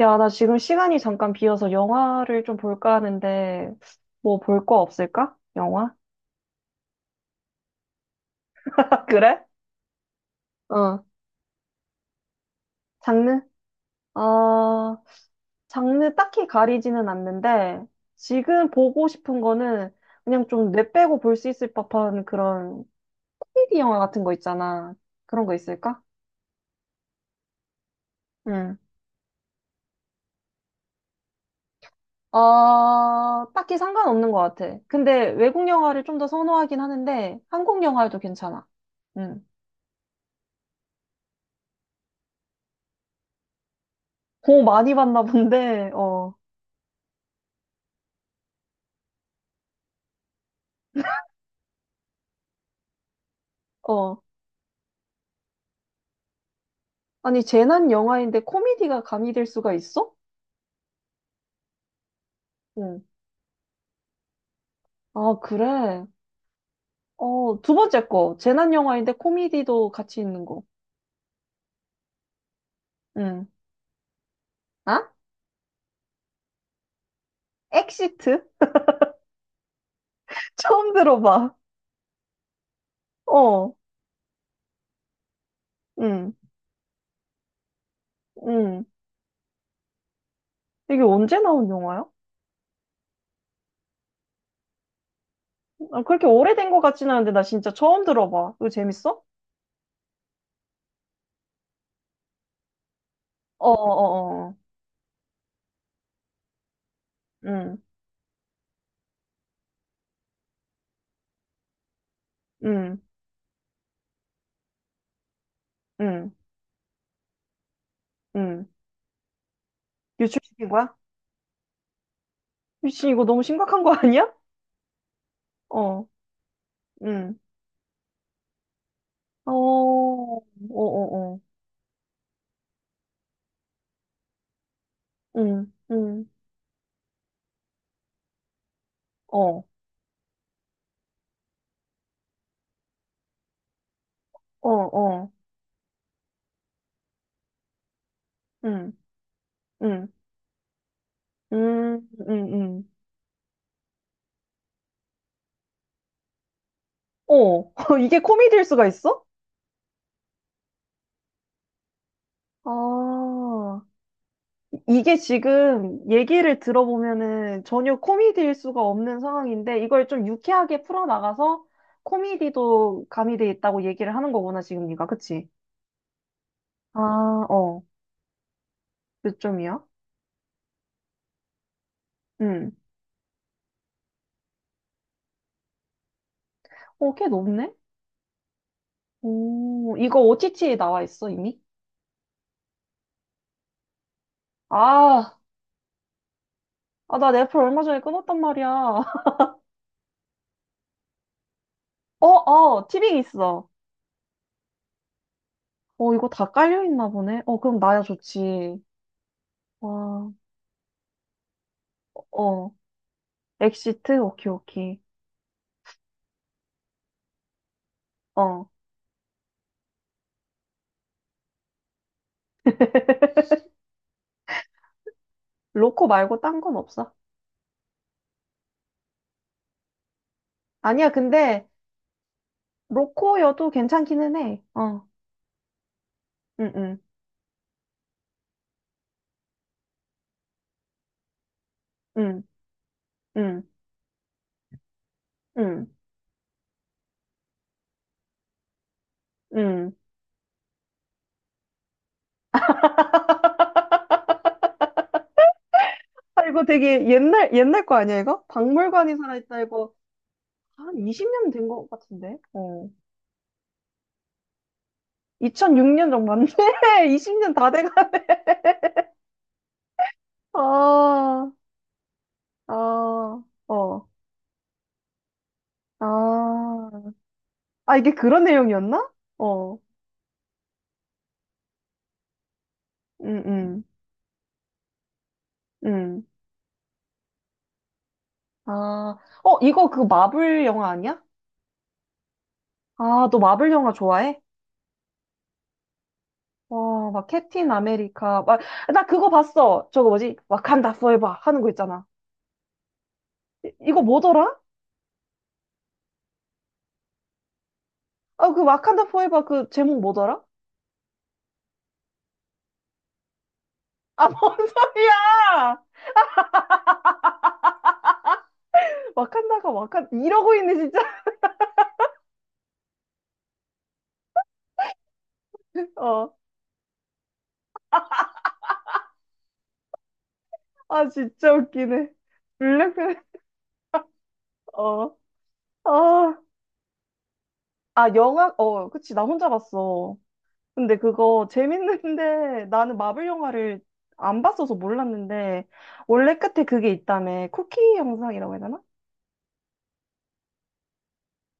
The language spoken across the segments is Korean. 야, 나 지금 시간이 잠깐 비어서 영화를 좀 볼까 하는데, 뭐 볼 거 없을까? 영화? 그래? 어, 장르? 어, 장르 딱히 가리지는 않는데, 지금 보고 싶은 거는 그냥 좀 뇌 빼고 볼 수 있을 법한 그런 코미디 영화 같은 거 있잖아. 그런 거 있을까? 응. 어, 딱히 상관없는 것 같아. 근데 외국 영화를 좀 더 선호하긴 하는데, 한국 영화도 괜찮아. 응. 고 많이 봤나 본데, 어. 어. 아니, 재난 영화인데 코미디가 가미될 수가 있어? 응. 아, 그래. 어, 두 번째 거. 재난 영화인데 코미디도 같이 있는 거. 응. 아? 엑시트? 처음 들어봐. 어. 응. 응. 이게 언제 나온 영화야? 아, 그렇게 오래된 것 같진 않은데 나 진짜 처음 들어봐. 이거 재밌어? 어, 어, 어. 어. 응. 응. 응. 응. 유출시킨 거야? 미친 이거 너무 심각한 거 아니야? 어. 응. 어. 어, 어, 어. 응, 응, 어, 어, 어, 응, 응, 응, 응, 응. 어, 이게 코미디일 수가 있어? 아, 이게 지금 얘기를 들어보면은 전혀 코미디일 수가 없는 상황인데 이걸 좀 유쾌하게 풀어나가서 코미디도 가미돼 있다고 얘기를 하는 거구나, 지금 네가. 그치? 아, 어, 몇 점이야? 응. 어, 꽤 높네? 오, 이거 OTT에 나와 있어, 이미? 아, 아, 나 넷플 얼마 전에 끊었단 말이야. 어, 어, 티빙 있어. 어, 이거 다 깔려있나 보네. 어, 그럼 나야 좋지. 와, 어. 엑시트? 오케이, 오케이. 어. 로코 말고 딴 건 없어. 아니야, 근데 로코여도 괜찮기는 해. 어. 응, 응, 응, 응, 응, 응. 아, 이거 되게 옛날, 옛날 거 아니야, 이거? 박물관이 살아있다, 이거. 한 20년 된 것 같은데? 어. 2006년 정도 맞네? 20년 다 돼가네. 아, 아, 어. 아, 아, 이게 그런 내용이었나? 어, 응응 응 응. 아, 어, 이거 그 마블 영화 아니야? 아, 너 마블 영화 좋아해? 와, 막 캡틴 아메리카, 막, 나 그거 봤어. 저거 뭐지? 와칸다 포에버 하는 거 있잖아. 이, 이거 뭐더라? 아, 그 와칸다 포에버 그 제목 뭐더라? 아, 뭔 소리야! 와칸다가 와칸, 이러고 있네, 진짜. 어, 아, 진짜 웃기네. 블랙팬, 어, 아, 아, 영화, 어, 그치, 나 혼자 봤어. 근데 그거 재밌는데 나는 마블 영화를 안 봤어서 몰랐는데 원래 끝에 그게 있다며 쿠키 영상이라고 해야 되나?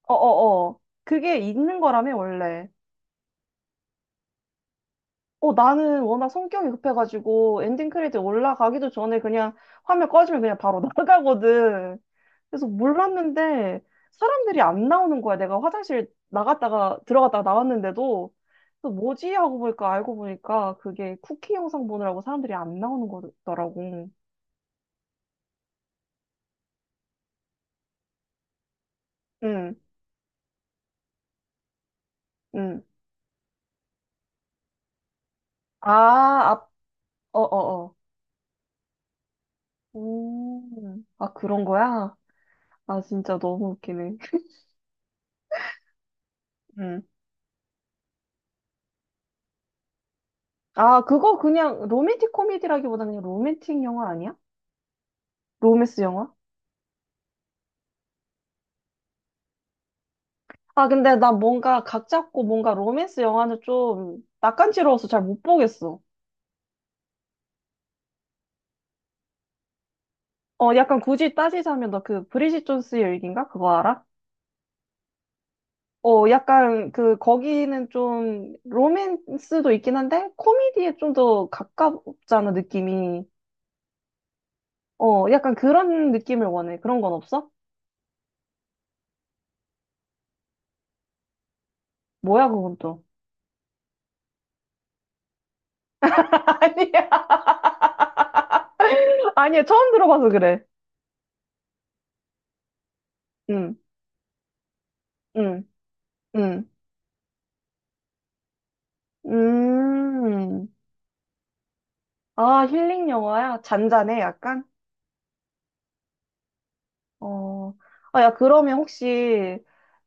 어어어 그게 있는 거라며 원래 어 나는 워낙 성격이 급해가지고 엔딩 크레딧 올라가기도 전에 그냥 화면 꺼지면 그냥 바로 나가거든 그래서 몰랐는데 사람들이 안 나오는 거야 내가 화장실 나갔다가 들어갔다가 나왔는데도 또 뭐지 하고 보니까 알고 보니까 그게 쿠키 영상 보느라고 사람들이 안 나오는 거더라고. 응, 응. 아, 앞, 어, 어, 어. 아, 그런 거야? 아, 진짜 너무 웃기네. 응. 아, 그거 그냥 로맨틱 코미디라기보다는 그냥 로맨틱 영화 아니야? 로맨스 영화? 아, 근데 나 뭔가 각 잡고 뭔가 로맨스 영화는 좀 낯간지러워서 잘 못 보겠어. 어, 약간 굳이 따지자면 너 그 브리짓 존스의 일기인가? 그거 알아? 어, 약간 그 거기는 좀 로맨스도 있긴 한데 코미디에 좀 더 가깝잖아, 느낌이. 어, 약간 그런 느낌을 원해. 그런 건 없어? 뭐야, 그건 또. 아니야, 아니야. 처음 들어봐서 그래. 응, 응, 응. 음. 아, 힐링 영화야? 잔잔해, 약간? 어. 아, 야, 그러면 혹시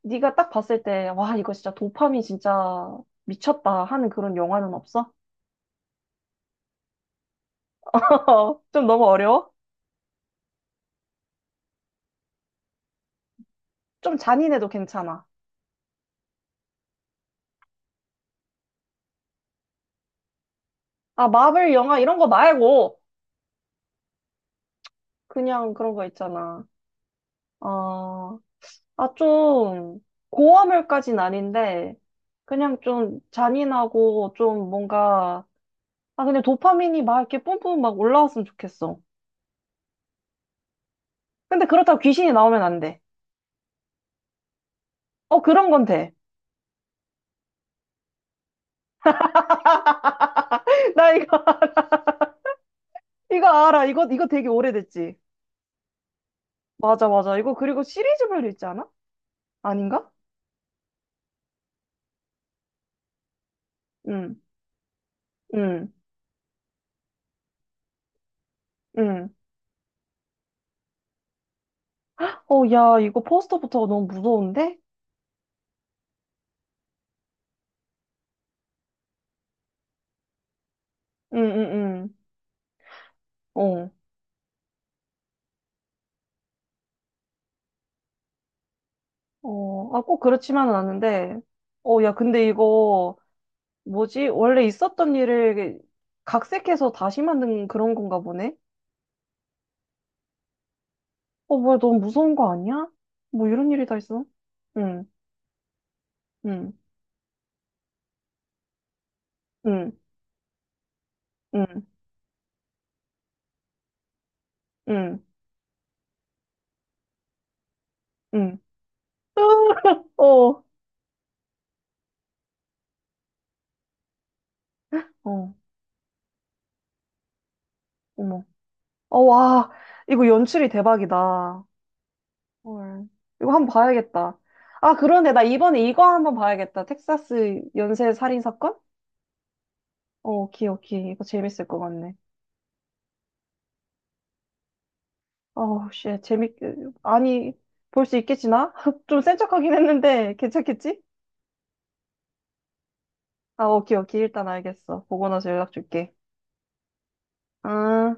네가 딱 봤을 때, 와, 이거 진짜 도파민 진짜 미쳤다 하는 그런 영화는 없어? 좀 너무 어려워? 좀 잔인해도 괜찮아. 아, 마블 영화 이런 거 말고 그냥 그런 거 있잖아. 어, 아, 좀, 고화물까진 아닌데, 그냥 좀 잔인하고, 좀 뭔가, 아, 그냥 도파민이 막 이렇게 뿜뿜 막 올라왔으면 좋겠어. 근데 그렇다고 귀신이 나오면 안 돼. 어, 그런 건 돼. 나 이거, 이거 알아. 이거, 이거 되게 오래됐지. 맞아, 맞아. 이거 그리고 시리즈별로 있지 않아? 아닌가? 응, 응, 응. 어, 야, 이거 포스터부터가 너무 무서운데? 응, 응, 응. 어, 어, 아, 꼭 그렇지만은 않은데. 어, 야, 근데 이거, 뭐지? 원래 있었던 일을 각색해서 다시 만든 그런 건가 보네? 어, 뭐야, 너무 무서운 거 아니야? 뭐 이런 일이 다 있어? 응, 응, 응, 응, 응, 응. 어, 어, 어머. 어, 와, 이거 연출이 대박이다. 헐. 이거 한 번 봐야겠다. 아, 그런데 나 이번에 이거 한 번 봐야겠다. 텍사스 연쇄 살인 사건? 어, 오케이, 오케이. 이거 재밌을 것 같네. 어우 씨, 재밌게. 아니, 볼 수 있겠지나? 좀 센 척하긴 했는데, 괜찮겠지? 아, 오케이, 오케이. 일단 알겠어. 보고 나서 연락 줄게. 응.